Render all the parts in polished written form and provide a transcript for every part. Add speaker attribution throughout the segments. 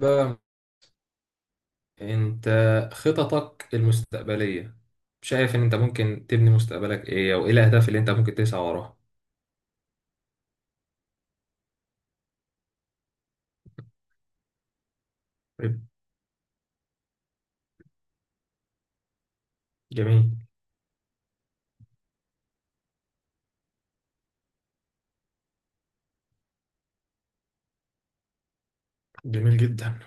Speaker 1: بقى انت، خططك المستقبلية شايف ان انت ممكن تبني مستقبلك ايه، او ايه الاهداف اللي انت ممكن تسعى وراها؟ طيب، جميل. جميل جدا.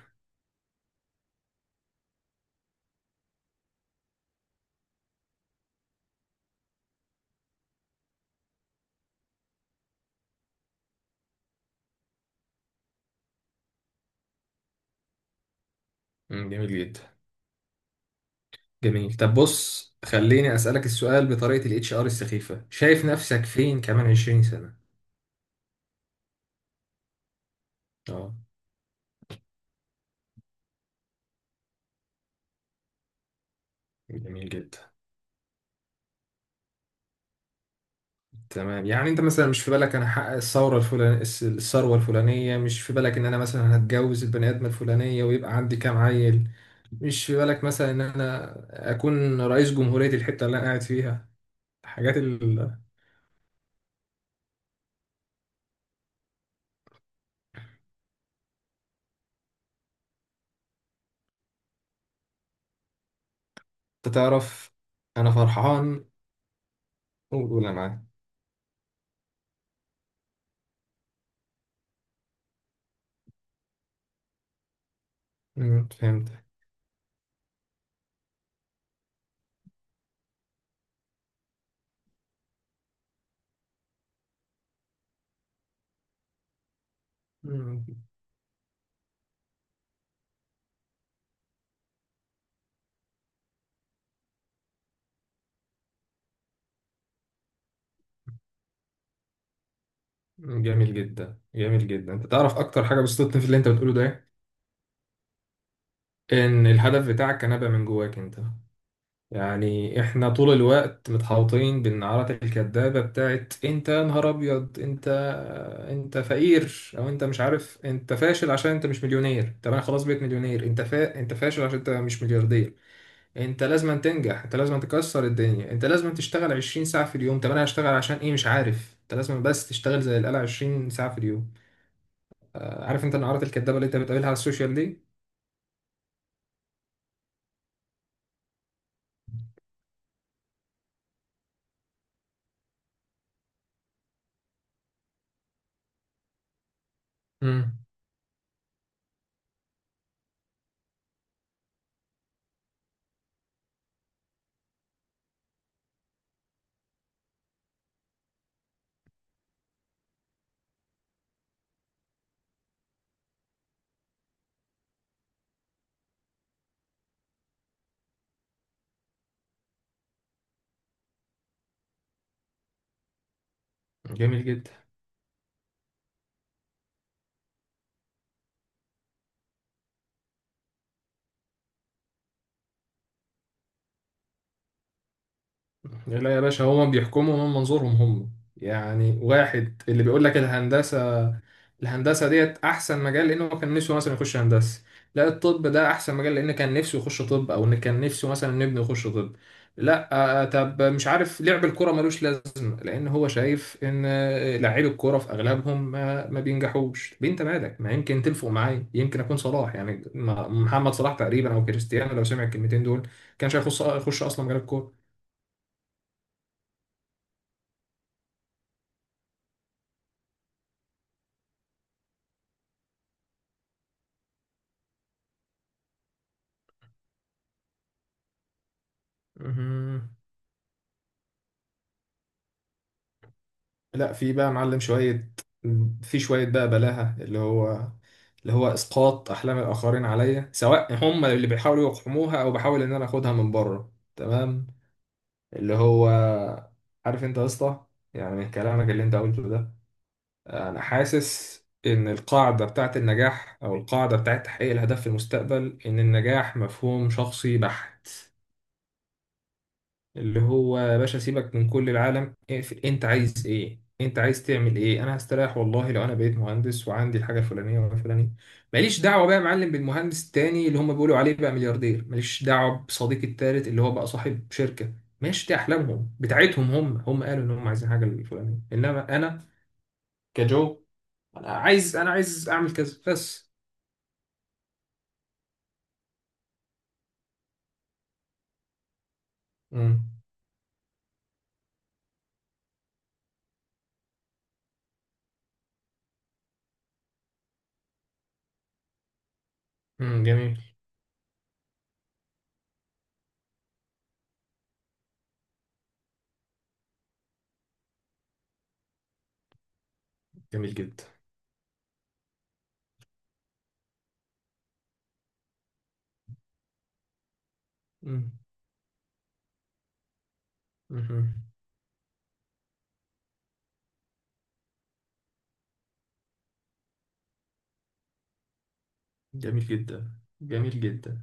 Speaker 1: جميل جدا. جميل، طب بص خليني اسألك السؤال بطريقة الاتش ار السخيفة، شايف نفسك فين كمان 20 سنة؟ اه. جميل جدا. تمام، يعني انت مثلا مش في بالك انا هحقق الثوره الفلانيه، الثروه الفلانيه؟ مش في بالك ان انا مثلا هتجوز البني ادمه الفلانيه ويبقى عندي كام عيل؟ مش في بالك مثلا ان انا اكون رئيس جمهورية الحتة اللي انا قاعد فيها؟ الحاجات اللي، انت تعرف، انا فرحان وقول انا معاك. فهمت. أمم، جميل جدا. جميل جدا، انت تعرف اكتر حاجة بسطتني في اللي انت بتقوله ده إيه؟ ان الهدف بتاعك كان ابقى من جواك انت. يعني احنا طول الوقت متحوطين بالنعرات الكدابة بتاعت انت يا نهار ابيض، انت انت فقير، او انت مش عارف، انت فاشل عشان انت مش مليونير. طب انا خلاص بقيت مليونير، انت انت فاشل عشان انت مش ملياردير. انت لازم أن تنجح، انت لازم أن تكسر الدنيا، انت لازم أن تشتغل 20 ساعة في اليوم. طب انا هشتغل عشان ايه؟ مش عارف، انت لازم بس تشتغل زي القلع 20 ساعة في اليوم. عارف انت النعرات الكدابة اللي انت بتقابلها على السوشيال دي؟ امم، جميل جدا. لا يا باشا، هما بيحكموا من منظورهم هم. يعني واحد اللي بيقول لك الهندسة، الهندسة ديت أحسن مجال لأنه كان نفسه مثلا يخش هندسة. لا، الطب ده أحسن مجال لأن كان نفسه يخش طب، أو إن كان نفسه مثلا ابنه يخش طب. لا. طب مش عارف، لعب الكرة ملوش لازمة لأن هو شايف إن لاعبي الكرة في أغلبهم ما بينجحوش. طب أنت مالك؟ ما يمكن تلفق معايا، يمكن أكون صلاح، يعني محمد صلاح تقريبا، أو كريستيانو لو سمع الكلمتين دول كانش هيخش، يخش أصلا مجال الكورة. مهم. لا في بقى معلم شوية، في شوية بقى بلاهة، اللي هو اللي هو إسقاط أحلام الآخرين عليا، سواء هم اللي بيحاولوا يقحموها أو بحاول إن أنا آخدها من بره. تمام، اللي هو، عارف أنت يا اسطى، يعني من كلامك اللي أنت قلته ده أنا حاسس إن القاعدة بتاعت النجاح، أو القاعدة بتاعت تحقيق الهدف في المستقبل، إن النجاح مفهوم شخصي بحت. اللي هو يا باشا، سيبك من كل العالم، اقفل. انت عايز ايه؟ انت عايز تعمل ايه؟ انا هستريح والله لو انا بقيت مهندس وعندي الحاجه الفلانيه والفلانيه. ماليش دعوه بقى يا معلم بالمهندس التاني اللي هم بيقولوا عليه بقى ملياردير، ماليش دعوه بصديقي التالت اللي هو بقى صاحب شركه. ماشي، دي احلامهم بتاعتهم هم، هم قالوا ان هم عايزين حاجه الفلانيه، انما انا كجو، انا عايز اعمل كذا بس. امم. امم، جميل. جميل جدا. امم. امم، جميل جدا. جميل جدا،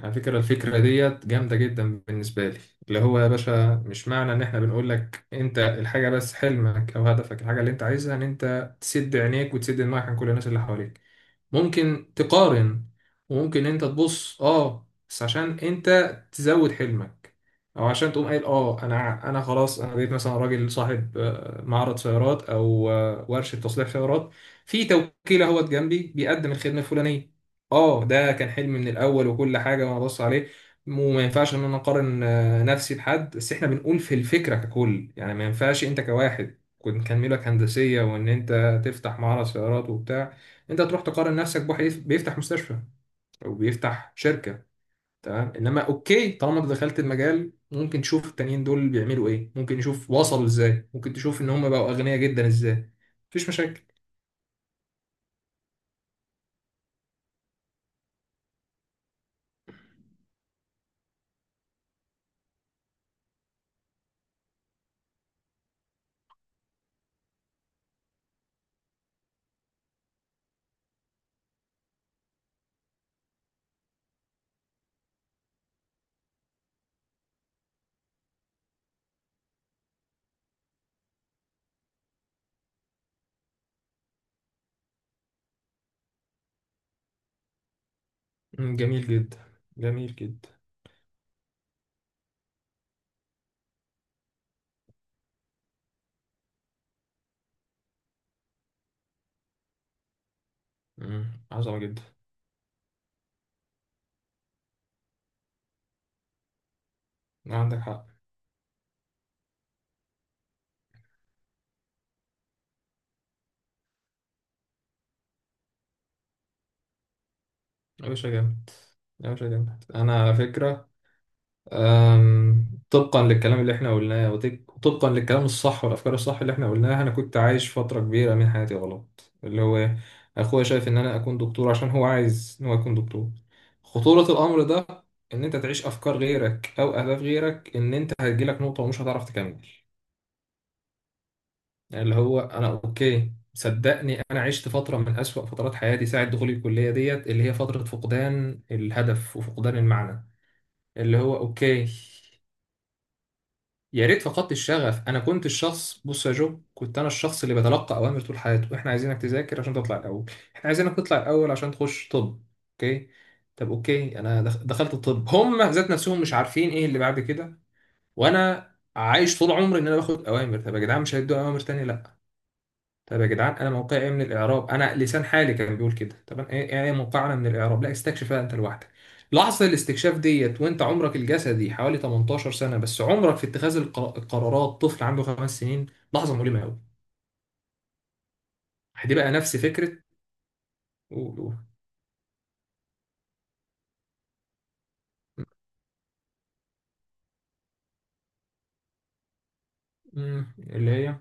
Speaker 1: على فكرة، الفكرة ديت جامدة جدا بالنسبة لي. اللي هو يا باشا، مش معنى ان احنا بنقول لك انت الحاجة بس حلمك او هدفك الحاجة اللي انت عايزها، ان انت تسد عينيك وتسد دماغك عن كل الناس اللي حواليك. ممكن تقارن، وممكن انت تبص اه بس عشان انت تزود حلمك، او عشان تقوم قايل اه انا انا خلاص انا بقيت مثلا راجل صاحب معرض سيارات او ورشة تصليح سيارات. في توكيل اهوت جنبي بيقدم الخدمة الفلانية، اه ده كان حلمي من الاول، وكل حاجة وانا ببص عليه. وما ينفعش ان انا اقارن نفسي بحد. بس احنا بنقول في الفكرة ككل، يعني ما ينفعش انت كواحد كنت كان ميولك هندسية وان انت تفتح معرض سيارات وبتاع، انت تروح تقارن نفسك بواحد بيفتح مستشفى او بيفتح شركه. تمام، انما اوكي طالما انت دخلت المجال، ممكن تشوف التانيين دول بيعملوا ايه، ممكن نشوف وصلوا ازاي، ممكن تشوف ان هم بقوا اغنياء جدا ازاي. مفيش مشاكل. جميل جدا. جميل جدا. مم، عظمه جدا. عندك حق. يا باشا جامد، يا باشا جامد. انا على فكره، طبقا للكلام اللي احنا قلناه وطبقا للكلام الصح والافكار الصح اللي احنا قلناها، انا كنت عايش فتره كبيره من حياتي غلط، اللي هو إيه؟ اخويا شايف ان انا اكون دكتور عشان هو عايز ان هو يكون دكتور. خطوره الامر ده ان انت تعيش افكار غيرك او اهداف غيرك، ان انت هتجيلك نقطه ومش هتعرف تكمل. يعني اللي هو انا، اوكي صدقني، انا عشت فتره من اسوأ فترات حياتي ساعه دخولي الكليه ديت، اللي هي فتره فقدان الهدف وفقدان المعنى. اللي هو اوكي، يا ريت فقدت الشغف. انا كنت الشخص، بص يا جو، كنت انا الشخص اللي بتلقى اوامر طول حياته. احنا عايزينك تذاكر عشان تطلع الاول، احنا عايزينك تطلع الاول عشان تخش طب. اوكي. طب اوكي انا دخلت الطب، هم ذات نفسهم مش عارفين ايه اللي بعد كده. وانا عايش طول عمري ان انا باخد اوامر، طب يا جدعان مش هيدوا اوامر تانية؟ لا. طب يا جدعان، انا موقعي ايه من الاعراب؟ انا لسان حالي كان بيقول كده، طب انا ايه، ايه، إيه موقعنا من الاعراب؟ لا، استكشفها انت لوحدك. لحظه الاستكشاف ديت وانت عمرك الجسدي حوالي 18 سنه بس عمرك في اتخاذ القرارات طفل عنده 5 سنين، لحظه مؤلمه قوي. هتبقى نفس فكره و- و- اللي هي.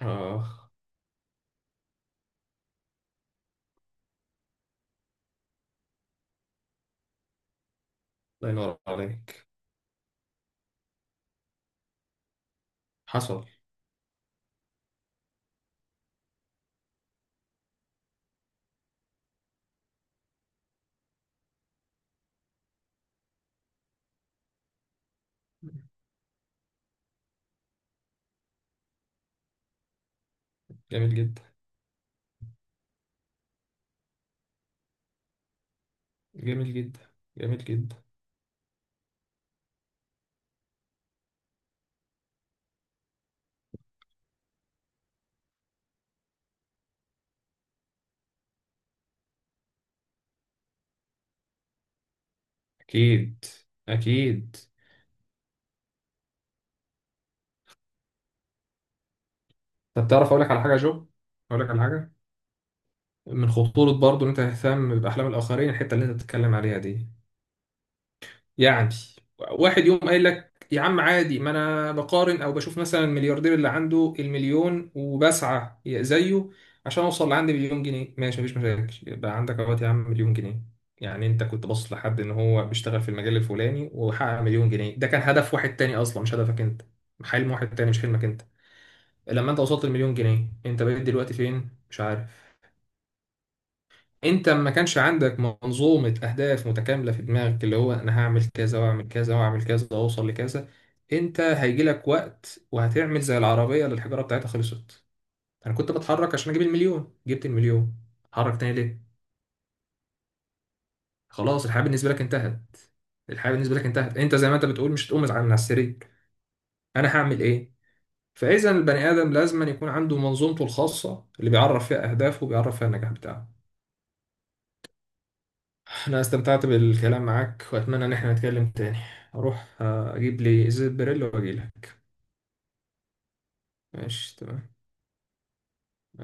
Speaker 1: اخ، الله ينور عليك، حصل. جميل جدا. جميل جدا. جميل جدا. اكيد، اكيد. طب تعرف اقول لك على حاجه يا جو؟ اقول لك على حاجه، من خطورة برضه إن أنت تهتم بأحلام الآخرين الحتة اللي أنت بتتكلم عليها دي. يعني واحد يوم قايل لك يا عم عادي، ما أنا بقارن أو بشوف مثلا الملياردير اللي عنده المليون وبسعى زيه عشان أوصل لعندي مليون جنيه. ماشي، مفيش مشاكل، يبقى عندك أهوت يا عم مليون جنيه. يعني أنت كنت باصص لحد إن هو بيشتغل في المجال الفلاني وحقق مليون جنيه، ده كان هدف واحد تاني أصلا، مش هدفك أنت. حلم واحد تاني مش حلمك أنت. لما أنت وصلت المليون جنيه، أنت بقيت دلوقتي فين؟ مش عارف. انت ما كانش عندك منظومة اهداف متكاملة في دماغك، اللي هو انا هعمل كذا واعمل كذا واعمل كذا واوصل لكذا. انت هيجي لك وقت وهتعمل زي العربية اللي الحجارة بتاعتها خلصت. انا كنت بتحرك عشان اجيب المليون، جبت المليون، اتحرك تاني ليه؟ خلاص، الحياة بالنسبة لك انتهت. الحياة بالنسبة لك انتهت، انت زي ما انت بتقول مش هتقوم من على السرير. انا هعمل ايه؟ فاذا البني ادم لازم أن يكون عنده منظومته الخاصة اللي بيعرف فيها اهدافه وبيعرف فيها النجاح بتاعه. أنا استمتعت بالكلام معاك وأتمنى إن احنا نتكلم تاني. أروح أجيب لي إزازة بريل وأجيلك. ماشي تمام.